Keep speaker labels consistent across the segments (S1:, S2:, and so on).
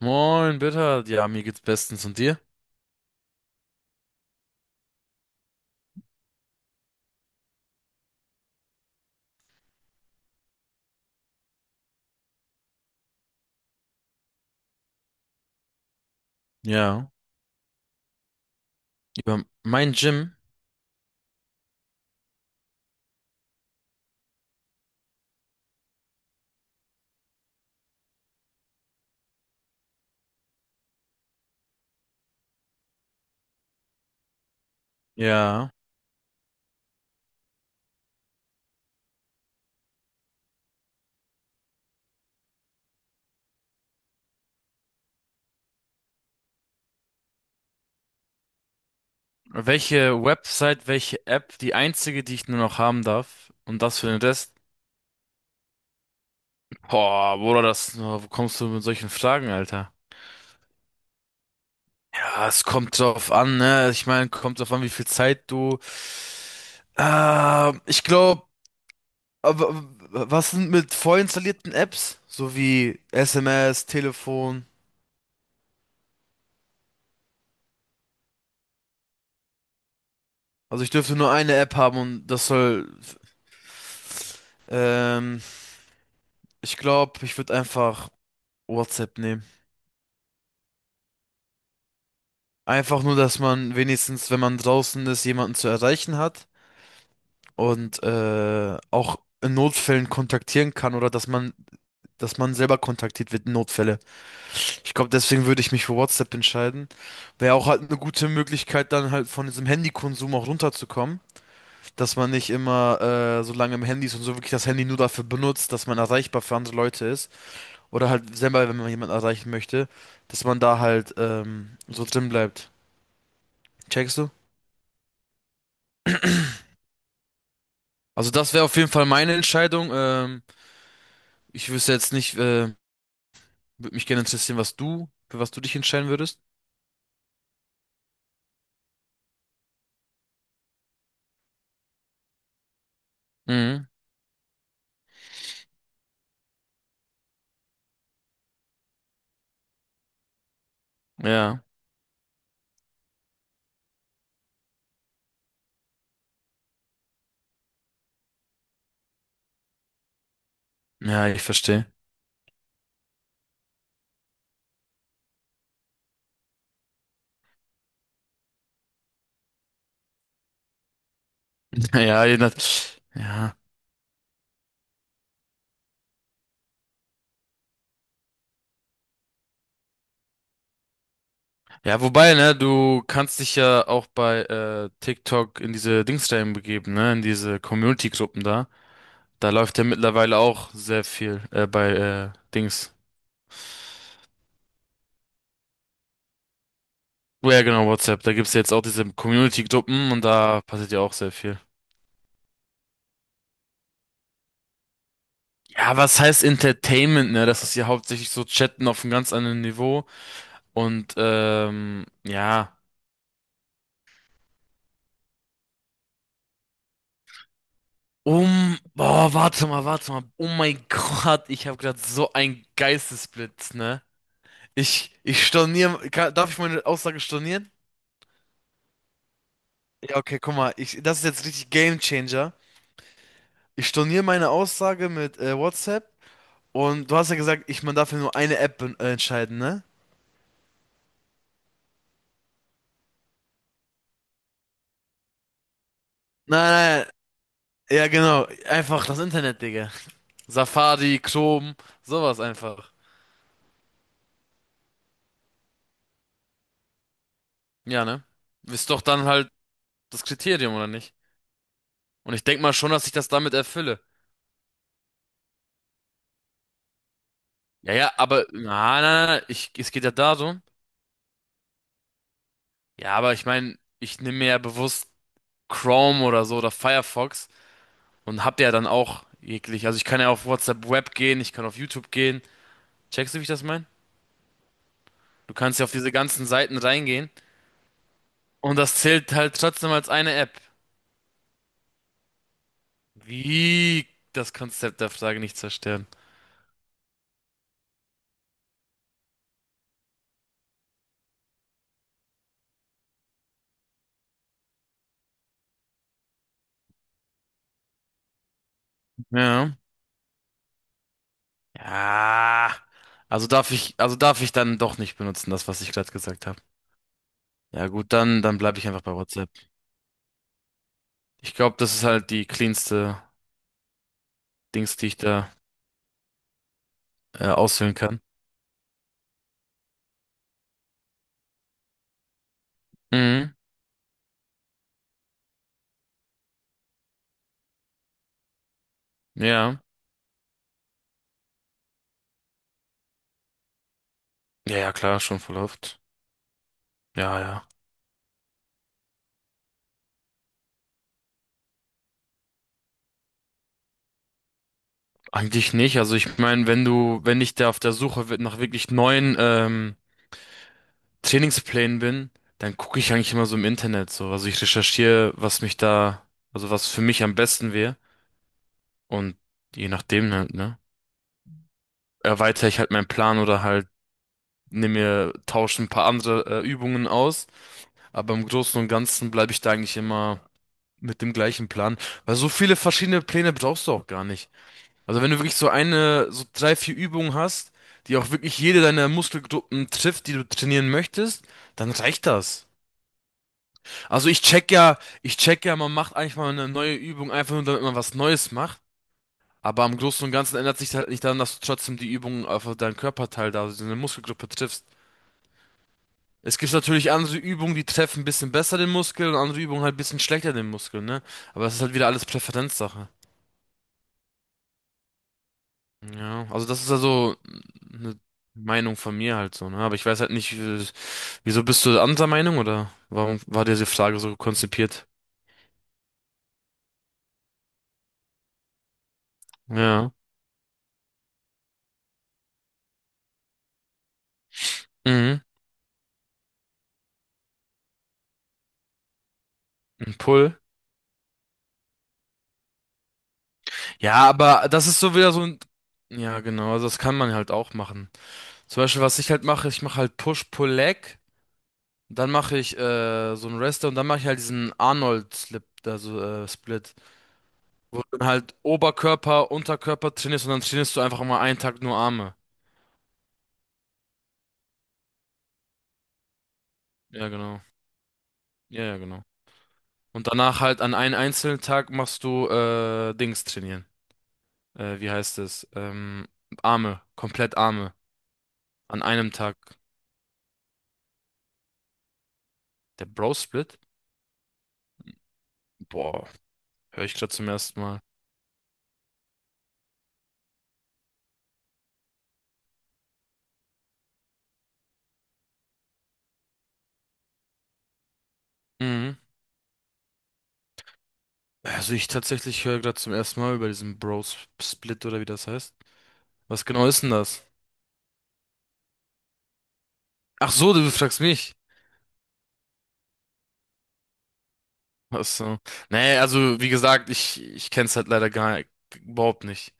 S1: Moin, bitte. Ja, mir geht's bestens. Und dir? Ja. Über mein Gym? Ja. Welche Website, welche App, die einzige, die ich nur noch haben darf? Und das für den Rest? Boah, Bruder, das, wo kommst du mit solchen Fragen, Alter? Ja, es kommt drauf an, ne? Ich meine, kommt drauf an, wie viel Zeit du. Ich glaube, was sind mit vorinstallierten Apps? So wie SMS, Telefon. Also ich dürfte nur eine App haben und das soll. Ähm, Ich glaube, ich würde einfach WhatsApp nehmen. Einfach nur, dass man wenigstens, wenn man draußen ist, jemanden zu erreichen hat und auch in Notfällen kontaktieren kann oder dass man selber kontaktiert wird in Notfälle. Ich glaube, deswegen würde ich mich für WhatsApp entscheiden. Wäre auch halt eine gute Möglichkeit, dann halt von diesem Handykonsum auch runterzukommen, dass man nicht immer so lange im Handy ist und so wirklich das Handy nur dafür benutzt, dass man erreichbar für andere Leute ist. Oder halt selber, wenn man jemanden erreichen möchte, dass man da halt so drin bleibt. Checkst du? Also das wäre auf jeden Fall meine Entscheidung. Ich wüsste jetzt nicht, würde mich gerne interessieren, für was du dich entscheiden würdest. Mhm. Ja. Ja, ich verstehe. Ja, ja. Ja, wobei, ne, du kannst dich ja auch bei TikTok in diese Dings reinbegeben, ne, in diese Community-Gruppen da. Da läuft ja mittlerweile auch sehr viel bei Dings. Ja, genau, WhatsApp. Da gibt's jetzt auch diese Community-Gruppen und da passiert ja auch sehr viel. Ja, was heißt Entertainment, ne? Das ist ja hauptsächlich so Chatten auf einem ganz anderen Niveau. Und ja. Um. Boah, warte mal. Oh mein Gott, ich habe gerade so einen Geistesblitz, ne? Ich storniere. Darf ich meine Aussage stornieren? Ja, okay, guck mal, ich, das ist jetzt richtig Game Changer. Ich storniere meine Aussage mit WhatsApp, und du hast ja gesagt, ich, man darf ja nur eine App entscheiden, ne? Nein. Ja, genau. Einfach das Internet, Digga. Safari, Chrome, sowas einfach. Ja, ne? Ist doch dann halt das Kriterium, oder nicht? Und ich denk mal schon, dass ich das damit erfülle. Ja, ja, aber, ich, es geht ja darum. Ja, aber ich meine, ich nehme mir ja bewusst Chrome oder so oder Firefox und hab ja dann auch jeglich. Also ich kann ja auf WhatsApp Web gehen, ich kann auf YouTube gehen. Checkst du, wie ich das meine? Du kannst ja auf diese ganzen Seiten reingehen und das zählt halt trotzdem als eine App. Wie das Konzept der Frage nicht zerstören. Ja. Ja. Also darf ich dann doch nicht benutzen, das, was ich gerade gesagt habe. Ja gut, dann bleibe ich einfach bei WhatsApp. Ich glaube, das ist halt die cleanste Dings, die ich da auswählen kann. Mhm. Ja. Ja, ja, klar, schon voll oft. Ja, ja. Eigentlich nicht. Also ich meine, wenn ich da auf der Suche nach wirklich neuen Trainingsplänen bin, dann gucke ich eigentlich immer so im Internet so. Also ich recherchiere, also was für mich am besten wäre. Und je nachdem halt, ne? Erweitere ich halt meinen Plan oder halt tausche ein paar andere Übungen aus. Aber im Großen und Ganzen bleibe ich da eigentlich immer mit dem gleichen Plan. Weil so viele verschiedene Pläne brauchst du auch gar nicht. Also wenn du wirklich so eine, so drei, vier Übungen hast, die auch wirklich jede deiner Muskelgruppen trifft, die du trainieren möchtest, dann reicht das. Also ich check ja, man macht eigentlich mal eine neue Übung, einfach nur damit man was Neues macht. Aber im Großen und Ganzen ändert sich halt nicht daran, dass du trotzdem die Übung auf deinen Körperteil da, also deine Muskelgruppe triffst. Es gibt natürlich andere Übungen, die treffen ein bisschen besser den Muskel und andere Übungen halt ein bisschen schlechter den Muskel, ne? Aber das ist halt wieder alles Präferenzsache. Ja, also das ist also eine Meinung von mir halt so, ne? Aber ich weiß halt nicht, wieso bist du anderer Meinung oder warum war dir diese Frage so konzipiert? Ja. Mhm. Ein Pull. Ja, aber das ist so wieder so ein. Ja, genau, also das kann man halt auch machen. Zum Beispiel, was ich halt mache, ich mache halt Push-Pull-Leg, dann mache ich so einen Rest Day und dann mache ich halt diesen Arnold-Slip, also Split. Wo du dann halt Oberkörper, Unterkörper trainierst und dann trainierst du einfach mal einen Tag nur Arme. Ja, genau. Ja, ja, genau. Und danach halt an einem einzelnen Tag machst du Dings trainieren. Wie heißt es? Arme, komplett Arme. An einem Tag. Der Bro-Split? Boah, höre ich gerade zum ersten Mal. Mhm. Also ich tatsächlich höre gerade zum ersten Mal über diesen Bros Split oder wie das heißt. Was genau ist denn das? Ach so, du fragst mich. Ach so. Nee, also wie gesagt, ich kenn's halt leider gar überhaupt nicht.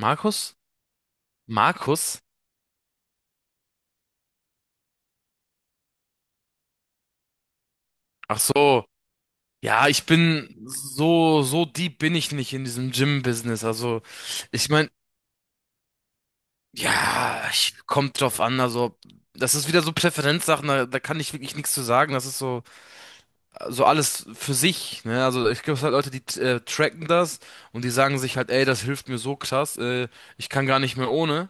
S1: Markus? Markus? Ach so. Ja, ich bin so, so deep bin ich nicht in diesem Gym-Business. Also, ich mein, ja, ich kommt drauf an. Also, das ist wieder so Präferenzsachen, da kann ich wirklich nichts zu sagen. Das ist so. So alles für sich, ne? Also ich glaube, es halt Leute, die tracken das und die sagen sich halt, ey, das hilft mir so krass, ich kann gar nicht mehr ohne.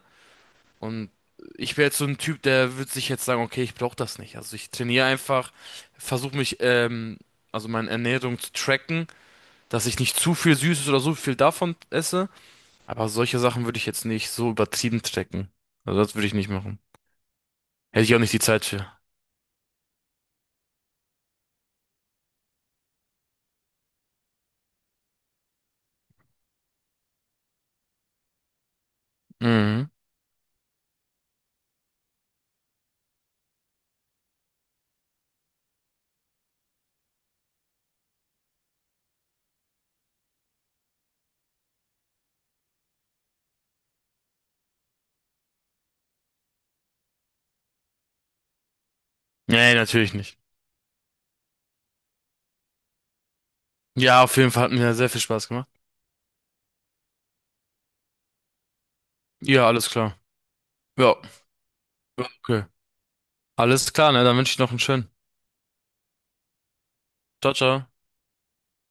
S1: Und ich wäre jetzt so ein Typ, der würde sich jetzt sagen, okay, ich brauche das nicht. Also ich trainiere einfach, versuche mich, also meine Ernährung zu tracken, dass ich nicht zu viel Süßes oder so viel davon esse. Aber solche Sachen würde ich jetzt nicht so übertrieben tracken. Also das würde ich nicht machen. Hätte ich auch nicht die Zeit für. Mhm. Nee, natürlich nicht. Ja, auf jeden Fall hat mir sehr viel Spaß gemacht. Ja, alles klar. Ja, okay. Alles klar, ne? Dann wünsche ich noch einen schönen. Ciao, ciao.